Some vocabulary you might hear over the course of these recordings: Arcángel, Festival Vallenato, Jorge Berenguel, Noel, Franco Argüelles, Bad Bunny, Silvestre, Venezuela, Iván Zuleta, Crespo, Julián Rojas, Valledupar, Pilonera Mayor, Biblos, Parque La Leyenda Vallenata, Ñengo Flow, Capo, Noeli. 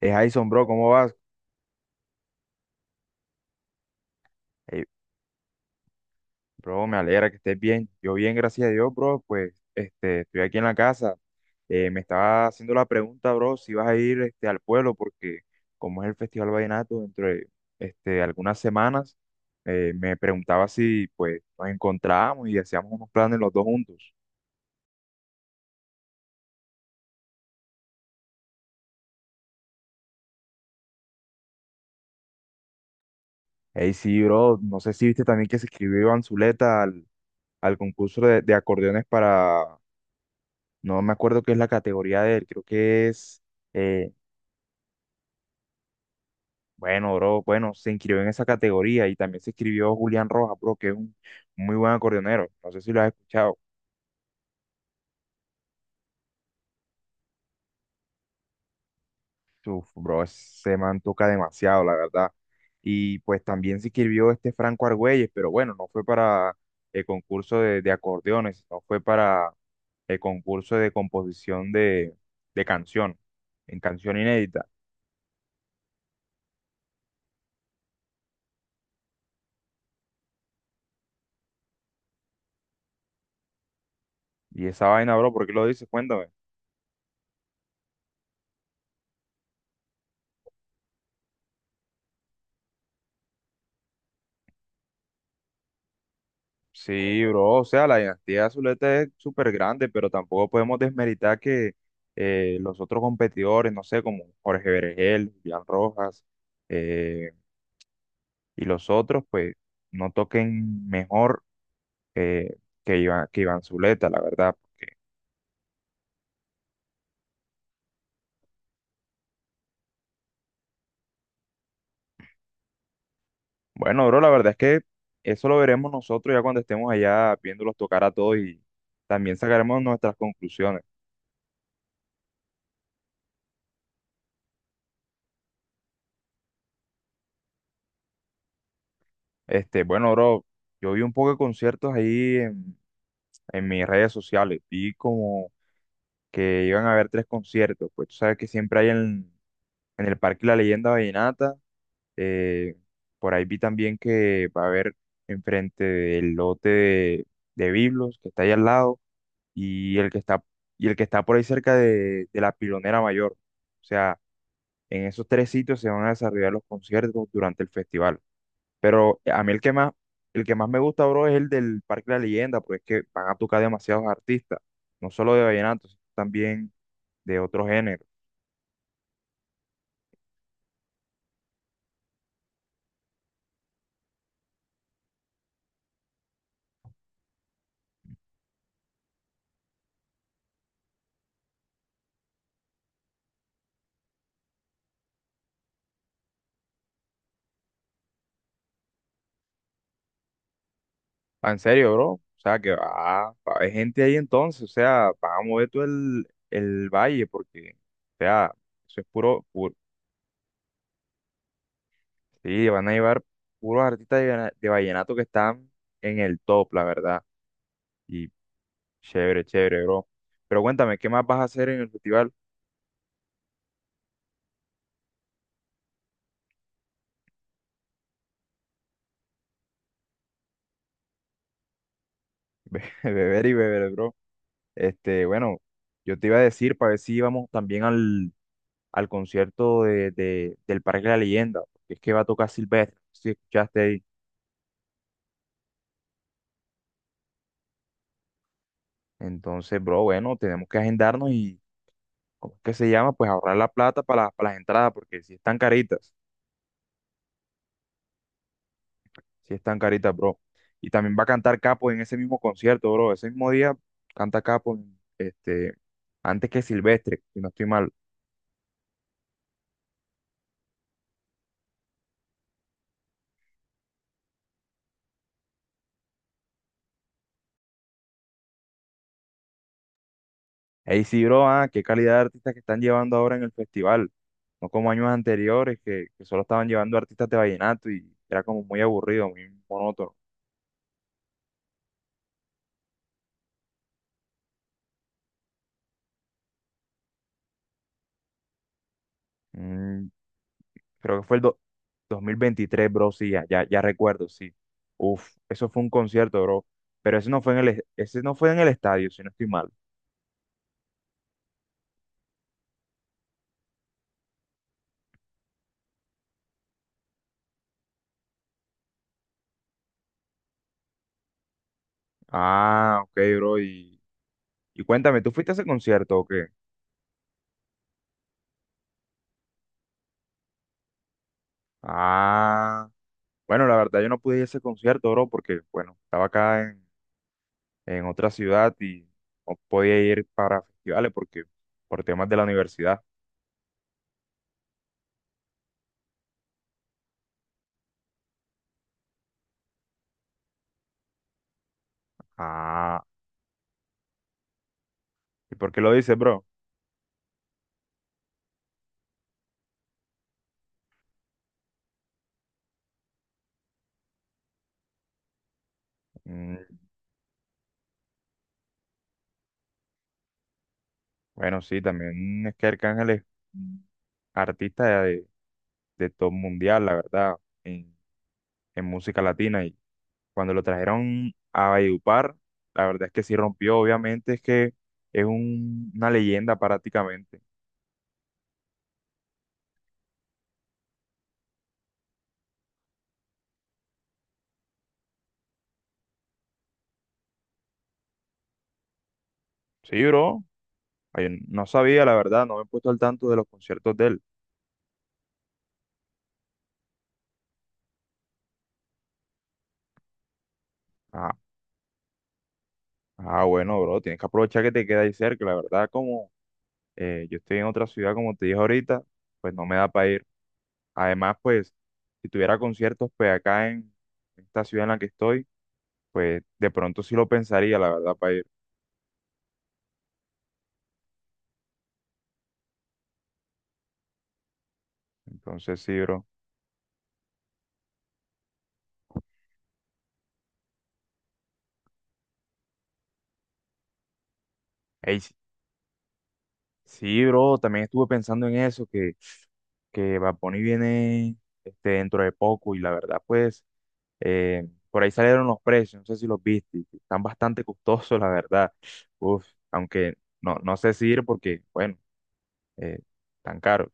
Jason, bro, ¿cómo vas? Ey, bro, me alegra que estés bien. Yo bien, gracias a Dios, bro. Pues, estoy aquí en la casa. Me estaba haciendo la pregunta, bro, si vas a ir, al pueblo, porque como es el Festival Vallenato, dentro de, algunas semanas, me preguntaba si, pues, nos encontrábamos y hacíamos unos planes los dos juntos. Ey, sí, bro, no sé si viste también que se inscribió Iván Zuleta al concurso de, acordeones, para, no me acuerdo qué es la categoría de él, creo que es... eh, Bueno, bro, bueno, se inscribió en esa categoría y también se inscribió Julián Rojas, bro, que es un muy buen acordeonero. No sé si lo has escuchado. Uf, bro, ese man toca demasiado, la verdad. Y pues también se inscribió Franco Argüelles, pero bueno, no fue para el concurso de, acordeones, no fue para el concurso de composición de, canción, en canción inédita. Y esa vaina, bro, ¿por qué lo dices? Cuéntame. Sí, bro, o sea, la dinastía Zuleta es súper grande, pero tampoco podemos desmeritar que los otros competidores, no sé, como Jorge Berenguel, Julián Rojas, eh, y los otros, pues, no toquen mejor eh, que Iván Zuleta, la verdad. Porque, bueno, bro, la verdad es que eso lo veremos nosotros ya cuando estemos allá viéndolos tocar a todos y también sacaremos nuestras conclusiones. Bueno, bro, yo vi un poco de conciertos ahí en mis redes sociales, vi como que iban a haber tres conciertos. Pues tú sabes que siempre hay en el Parque La Leyenda Vallenata. eh, por ahí vi también que va a haber enfrente del lote de, Biblos, que está ahí al lado, y el que está, y el que está por ahí cerca de, la Pilonera Mayor. O sea, en esos tres sitios se van a desarrollar los conciertos durante el festival. Pero a mí el que más me gusta, bro, es el del Parque La Leyenda, porque es que van a tocar demasiados artistas, no solo de vallenato, sino también de otro género. Ah, en serio, bro. O sea, que va a haber gente ahí entonces. O sea, va a mover todo el valle porque, o sea, eso es puro, puro. Sí, van a llevar puros artistas de, de vallenato que están en el top, la verdad. Y chévere, chévere, bro. Pero cuéntame, ¿qué más vas a hacer en el festival? Beber y beber, bro. Bueno, yo te iba a decir para ver si íbamos también al concierto de, del Parque de la Leyenda, porque es que va a tocar Silvestre. Si escuchaste ahí. Entonces, bro, bueno, tenemos que agendarnos y, ¿cómo es que se llama? Pues ahorrar la plata para las entradas, porque si están caritas, si están caritas, bro. Y también va a cantar Capo en ese mismo concierto, bro. Ese mismo día canta Capo, este, antes que Silvestre, si no estoy mal. Ahí sí, bro, ah, qué calidad de artistas que están llevando ahora en el festival. No como años anteriores, que solo estaban llevando artistas de vallenato y era como muy aburrido, muy monótono. Mm, creo que fue el 2023, bro. Sí, ya, ya, ya recuerdo, sí. Uf, eso fue un concierto, bro, pero ese no fue en ese no fue en el estadio, si no estoy mal. Ah, ok, bro, y, cuéntame, ¿tú fuiste a ese concierto o qué? Ah, bueno, la verdad yo no pude ir a ese concierto, bro, porque, bueno, estaba acá en otra ciudad y no podía ir para festivales porque, por temas de la universidad. Ah, ¿y por qué lo dices, bro? Mm, bueno, sí, también es que Arcángel es un artista de top mundial, la verdad, en, en música latina. Y cuando lo trajeron a Valledupar, la verdad es que sí rompió, obviamente, es que es una leyenda prácticamente. Sí, bro, ay, no sabía, la verdad, no me he puesto al tanto de los conciertos de él. Ah, ah, bueno, bro, tienes que aprovechar que te queda ahí cerca, la verdad, como yo estoy en otra ciudad, como te dije ahorita, pues no me da para ir. Además, pues, si tuviera conciertos, pues acá en esta ciudad en la que estoy, pues de pronto sí lo pensaría, la verdad, para ir. Entonces, sí, bro. Ey, sí, bro, también estuve pensando en eso, que Bad Bunny viene, dentro de poco, y la verdad, pues, por ahí salieron los precios, no sé si los viste, que están bastante costosos, la verdad. Uf, aunque no sé si ir porque, bueno, eh, tan caros.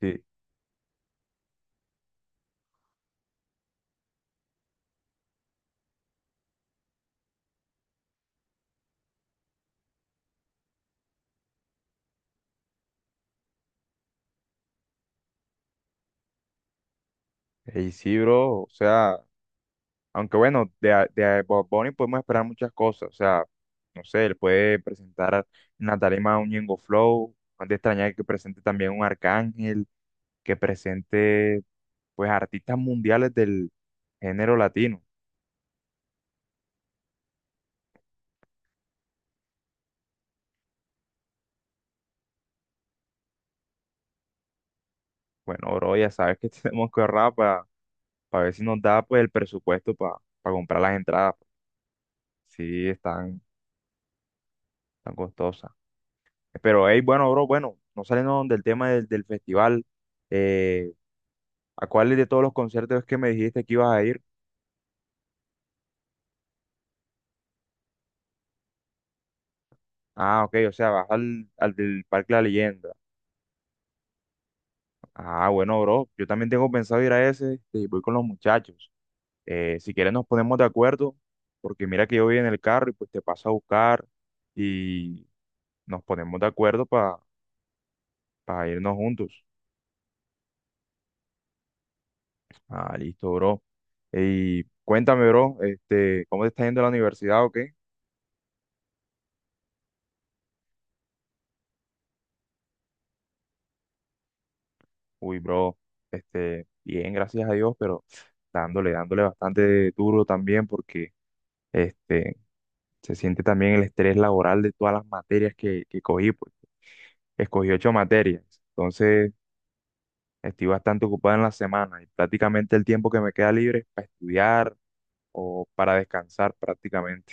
Sí. Ey, sí, bro, o sea, aunque bueno, de, de a Bad Bunny podemos esperar muchas cosas, o sea, no sé, él puede presentar en la tarima un Ñengo Flow, no es de extrañar que presente también un Arcángel, que presente, pues, artistas mundiales del género latino. Bueno, bro, ya sabes que tenemos que ahorrar para ver si nos da, pues, el presupuesto para comprar las entradas. Sí, están tan costosas. Pero, hey, bueno, bro, bueno, no saliendo del tema del festival, eh, ¿a cuáles de todos los conciertos es que me dijiste que ibas a ir? Ah, ok, o sea, vas al del Parque La Leyenda. Ah, bueno, bro, yo también tengo pensado ir a ese, y voy con los muchachos. Si quieres nos ponemos de acuerdo, porque mira que yo voy en el carro y pues te paso a buscar y nos ponemos de acuerdo para irnos juntos. Ah, listo, bro. Y cuéntame, bro, ¿cómo te está yendo a la universidad o qué? Uy, bro, bien, gracias a Dios, pero dándole, dándole bastante duro también porque, este, se siente también el estrés laboral de todas las materias que cogí, porque escogí ocho materias. Entonces, estoy bastante ocupado en la semana y prácticamente el tiempo que me queda libre es para estudiar o para descansar prácticamente.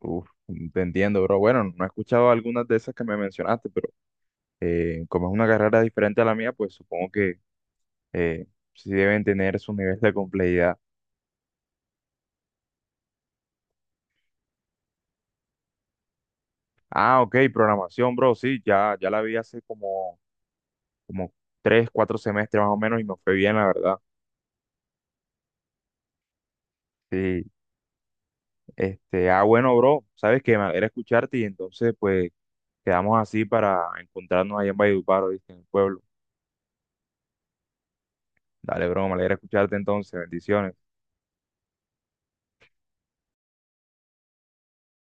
Uf, te entiendo, bro. Bueno, no he escuchado algunas de esas que me mencionaste, pero como es una carrera diferente a la mía, pues supongo que eh, sí deben tener su nivel de complejidad. Ah, ok, programación, bro. Sí, ya, ya la vi hace como tres, cuatro semestres más o menos y me fue bien, la verdad. Sí. Ah, bueno, bro, sabes que me alegra escucharte y entonces, pues, quedamos así para encontrarnos allá en Valledupar, ¿oíste? En el pueblo. Dale, bro, me alegra escucharte entonces, bendiciones.